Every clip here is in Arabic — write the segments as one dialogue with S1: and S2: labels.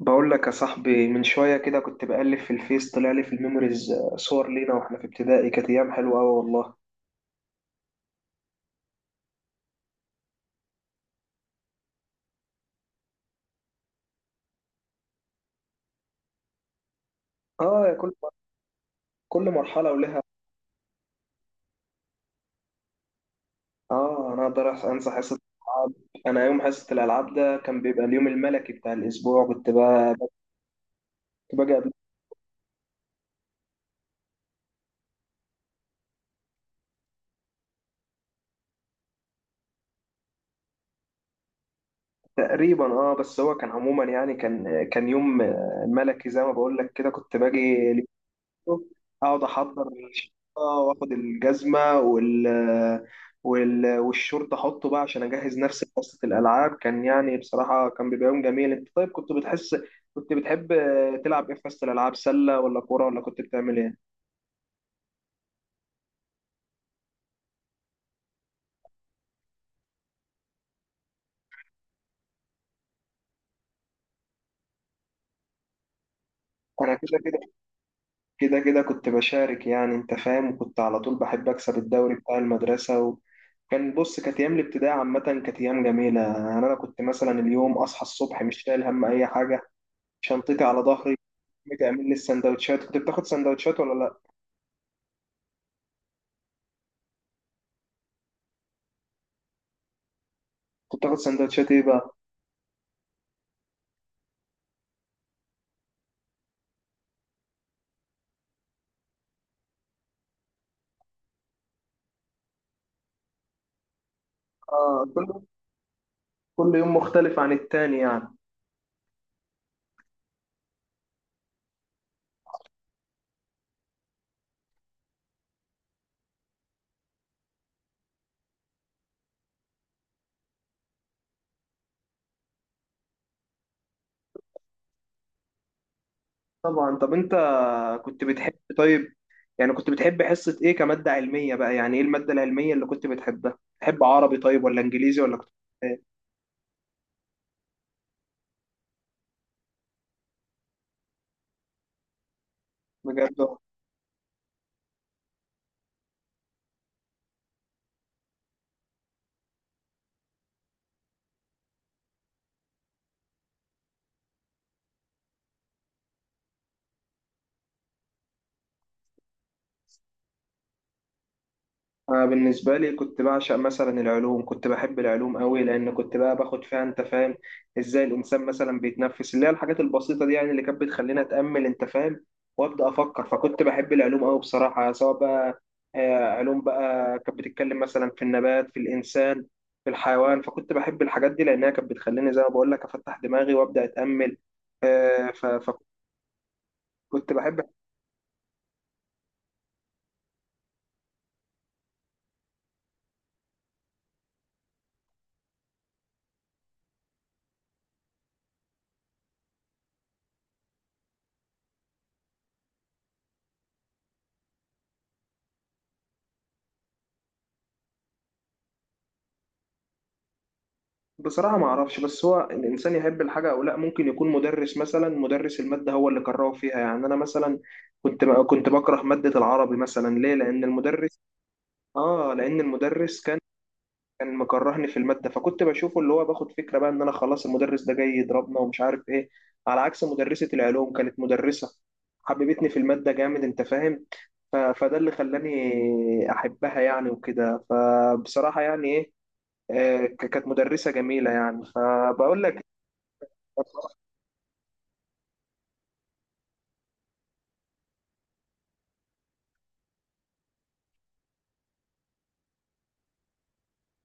S1: بقول لك يا صاحبي، من شوية كده كنت بقلب في الفيس، طلع لي في الميموريز صور لينا واحنا في ابتدائي. كانت أيام حلوة أوي والله. اه، يا كل. كل مرحلة ولها. اه، أنا أقدر أنسى حصة الألعاب. أنا يوم حصة الألعاب ده كان بيبقى اليوم الملكي بتاع الأسبوع. كنت باجي قبل. تقريبا. اه بس هو كان عموما، يعني كان يوم ملكي، زي ما بقول لك كده، كنت باجي اقعد احضر الشنطه، واخد الجزمه والشورت احطه بقى عشان اجهز نفسي لقصه الالعاب. كان يعني بصراحه كان بيبقى يوم جميل. انت طيب كنت بتحب تلعب ايه في حصه الالعاب؟ سله ولا كوره، ولا كنت بتعمل ايه؟ انا كده كده كنت بشارك، يعني انت فاهم. وكنت على طول بحب اكسب الدوري بتاع المدرسه و... بص، كانت ايام الابتدائي عامه كانت ايام جميله. يعني انا كنت مثلا اليوم اصحى الصبح مش شايل هم اي حاجه، شنطتي على ظهري. بتعمل لي السندوتشات. كنت بتاخد سندوتشات ولا لا؟ كنت بتاخد سندوتشات ايه بقى؟ اه، كل يوم مختلف عن التاني يعني. طبعا. طب انت كنت بتحب طيب يعني كنت بتحب حصة ايه كمادة علمية بقى؟ يعني ايه المادة العلمية اللي كنت بتحبها؟ تحب عربي طيب ولا انجليزي، ولا كنت بتحب إيه؟ بجد؟ أنا بالنسبة لي كنت بعشق مثلا العلوم، كنت بحب العلوم قوي، لأن كنت بقى باخد فيها، أنت فاهم. إزاي الإنسان مثلا بيتنفس، اللي هي الحاجات البسيطة دي، يعني اللي كانت بتخليني أتأمل، أنت فاهم، وأبدأ أفكر. فكنت بحب العلوم قوي بصراحة، سواء بقى علوم بقى كانت بتتكلم مثلا في النبات، في الإنسان، في الحيوان. فكنت بحب الحاجات دي، لأنها كانت بتخليني زي ما بقول لك أفتح دماغي وأبدأ أتأمل. فكنت بحب. بصراحة ما أعرفش. بس هو الإنسان يحب الحاجة أو لا، ممكن يكون مدرس، مثلا مدرس المادة هو اللي كرهه فيها. يعني أنا مثلا كنت بكره مادة العربي مثلا. ليه؟ لأن المدرس. لأن المدرس كان مكرهني في المادة. فكنت بشوفه، اللي هو باخد فكرة بقى إن أنا خلاص المدرس ده جاي يضربنا ومش عارف إيه. على عكس مدرسة العلوم، كانت مدرسة حببتني في المادة جامد، أنت فاهم؟ فده اللي خلاني أحبها يعني، وكده. فبصراحة يعني إيه، كانت مدرسة جميلة يعني، فبقول لك.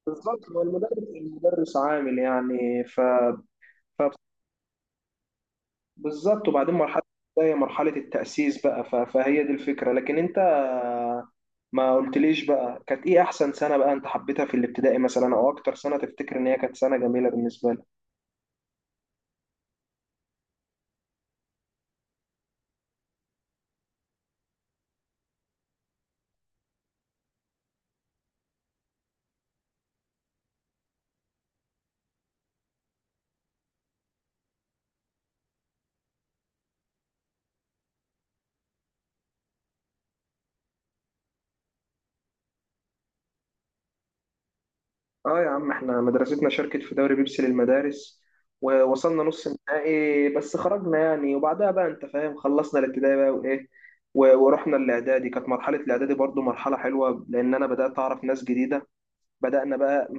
S1: بالظبط. هو المدرس عامل يعني ف... فبالظبط. وبعدين مرحلة زي مرحلة التأسيس بقى فهي دي الفكرة. لكن انت ما قلتليش بقى، كانت ايه احسن سنة بقى انت حبيتها في الابتدائي مثلا، او اكتر سنة تفتكر ان هي كانت سنة جميلة بالنسبة لك؟ اه يا عم، احنا مدرستنا شاركت في دوري بيبسي للمدارس، ووصلنا نص النهائي بس خرجنا يعني. وبعدها بقى، انت فاهم، خلصنا الابتدائي بقى وايه ورحنا الاعدادي. كانت مرحله الاعدادي برضو مرحله حلوه، لان انا بدات اعرف ناس جديده. بدانا بقى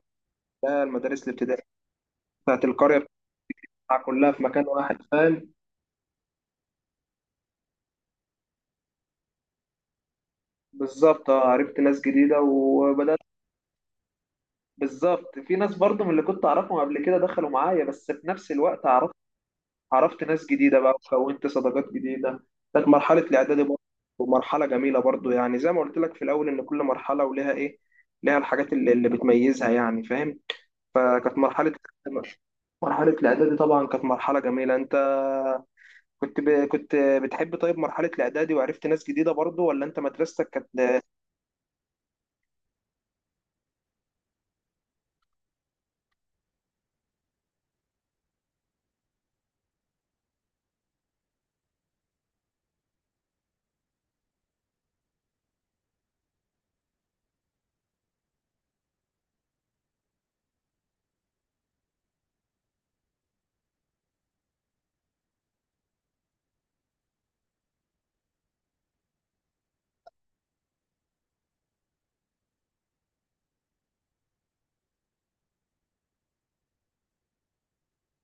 S1: المدارس الابتدائيه بتاعت القريه بتاعها كلها في مكان واحد، فاهم. بالظبط. اه، عرفت ناس جديده وبدات. بالظبط. في ناس برضو من اللي كنت اعرفهم قبل كده دخلوا معايا، بس في نفس الوقت عرفت ناس جديدة بقى وكونت صداقات جديدة. كانت مرحلة الإعدادي برضه مرحلة جميلة برضه، يعني زي ما قلت لك في الأول إن كل مرحلة ولها إيه، لها الحاجات اللي بتميزها، يعني فاهم. فكانت مرحلة الإعدادي طبعا كانت مرحلة جميلة. أنت كنت بتحب طيب مرحلة الإعدادي وعرفت ناس جديدة برضه، ولا أنت مدرستك كانت؟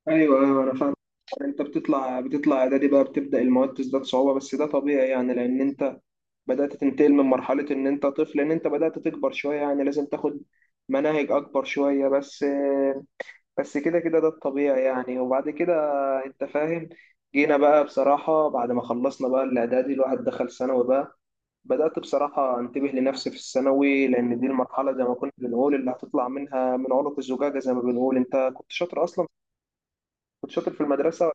S1: ايوه، ايوه، انا فاهم. انت بتطلع اعدادي بقى، بتبدا المواد تزداد صعوبه. بس ده طبيعي، يعني لان انت بدأت تنتقل من مرحلة إن أنت طفل، إن أنت بدأت تكبر شوية، يعني لازم تاخد مناهج أكبر شوية بس كده كده ده الطبيعي يعني. وبعد كده أنت فاهم، جينا بقى بصراحة. بعد ما خلصنا بقى الإعدادي، الواحد دخل ثانوي بقى. بدأت بصراحة أنتبه لنفسي في الثانوي، لأن دي المرحلة زي ما كنا بنقول اللي هتطلع منها من عنق الزجاجة، زي ما بنقول. أنت كنت شاطر أصلا؟ كنت شاطر في المدرسة؟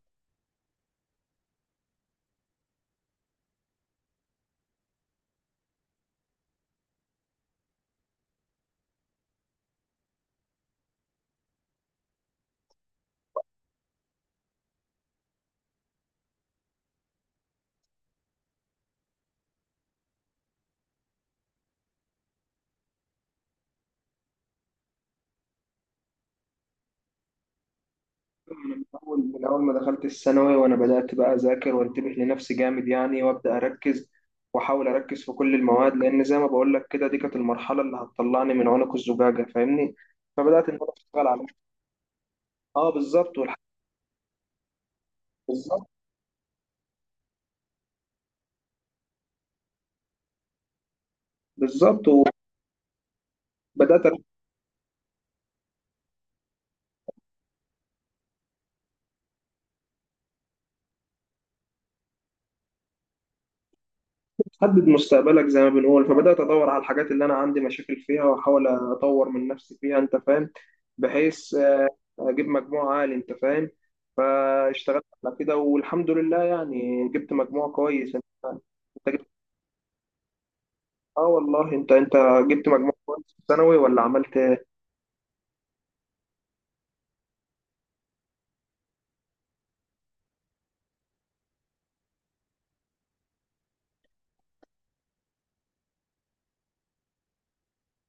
S1: أنا من أول ما دخلت الثانوي وأنا بدأت بقى أذاكر وأنتبه لنفسي جامد يعني. وأبدأ أركز وأحاول أركز في كل المواد، لأن زي ما بقول لك كده دي كانت المرحلة اللي هتطلعني من عنق الزجاجة، فاهمني؟ فبدأت إن أنا أشتغل على. أه بالظبط بالظبط. بالظبط وبدأت حدد مستقبلك زي ما بنقول. فبدأت أدور على الحاجات اللي أنا عندي مشاكل فيها، وأحاول أطور من نفسي فيها، أنت فاهم، بحيث أجيب مجموع عالي، أنت فاهم. فاشتغلت على كده والحمد لله، يعني جبت مجموع كويس، أنت فاهم. أنت جبت والله؟ أنت جبت مجموع كويس في الثانوي ولا عملت إيه؟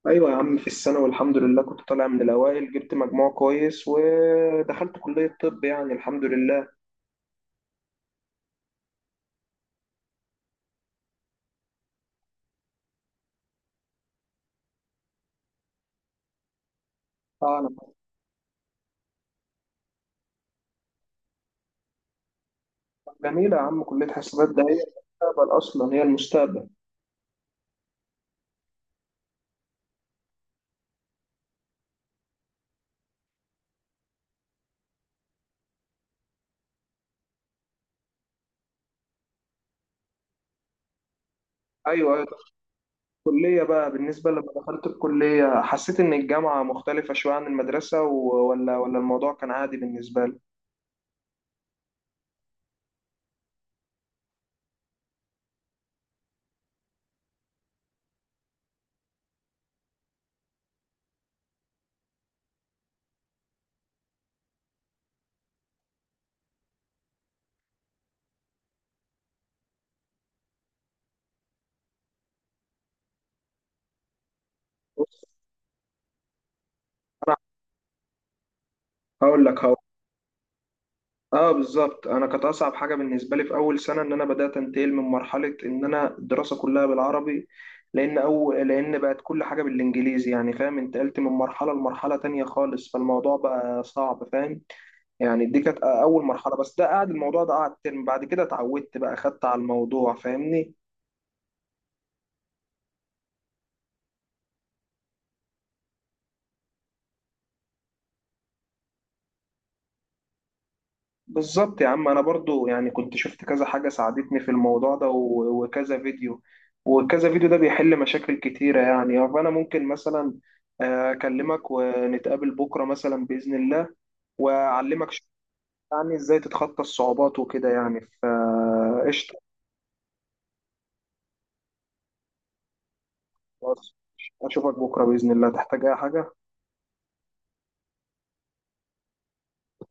S1: أيوة يا عم، في الثانوي الحمد لله كنت طالع من الأوائل، جبت مجموع كويس ودخلت كلية طب، يعني الحمد لله. آه، أنا- جميلة يا عم، كلية حسابات ده هي المستقبل أصلا، هي المستقبل. أيوه، أيوة. الكلية بقى بالنسبة، لما دخلت الكلية حسيت إن الجامعة مختلفة شوية عن المدرسة ولا الموضوع كان عادي بالنسبة لي؟ بص، أنا هقول لك هو. اه بالظبط. انا كانت اصعب حاجه بالنسبه لي في اول سنه ان انا بدات انتقل من مرحله ان انا الدراسه كلها بالعربي، لان بقت كل حاجه بالانجليزي، يعني فاهم، انتقلت من مرحله لمرحله تانية خالص، فالموضوع بقى صعب فاهم. يعني دي كانت اول مرحله، بس ده قعد الموضوع ده قعد ترم، بعد كده اتعودت بقى، خدت على الموضوع فاهمني. بالظبط يا عم، انا برضو يعني كنت شفت كذا حاجة ساعدتني في الموضوع ده وكذا فيديو ده بيحل مشاكل كتيرة يعني. فانا ممكن مثلا اكلمك ونتقابل بكرة مثلا بإذن الله، واعلمك شوية يعني ازاي تتخطى الصعوبات وكده يعني، فقشطة. خلاص، اشوفك بكرة بإذن الله. تحتاج اي حاجة؟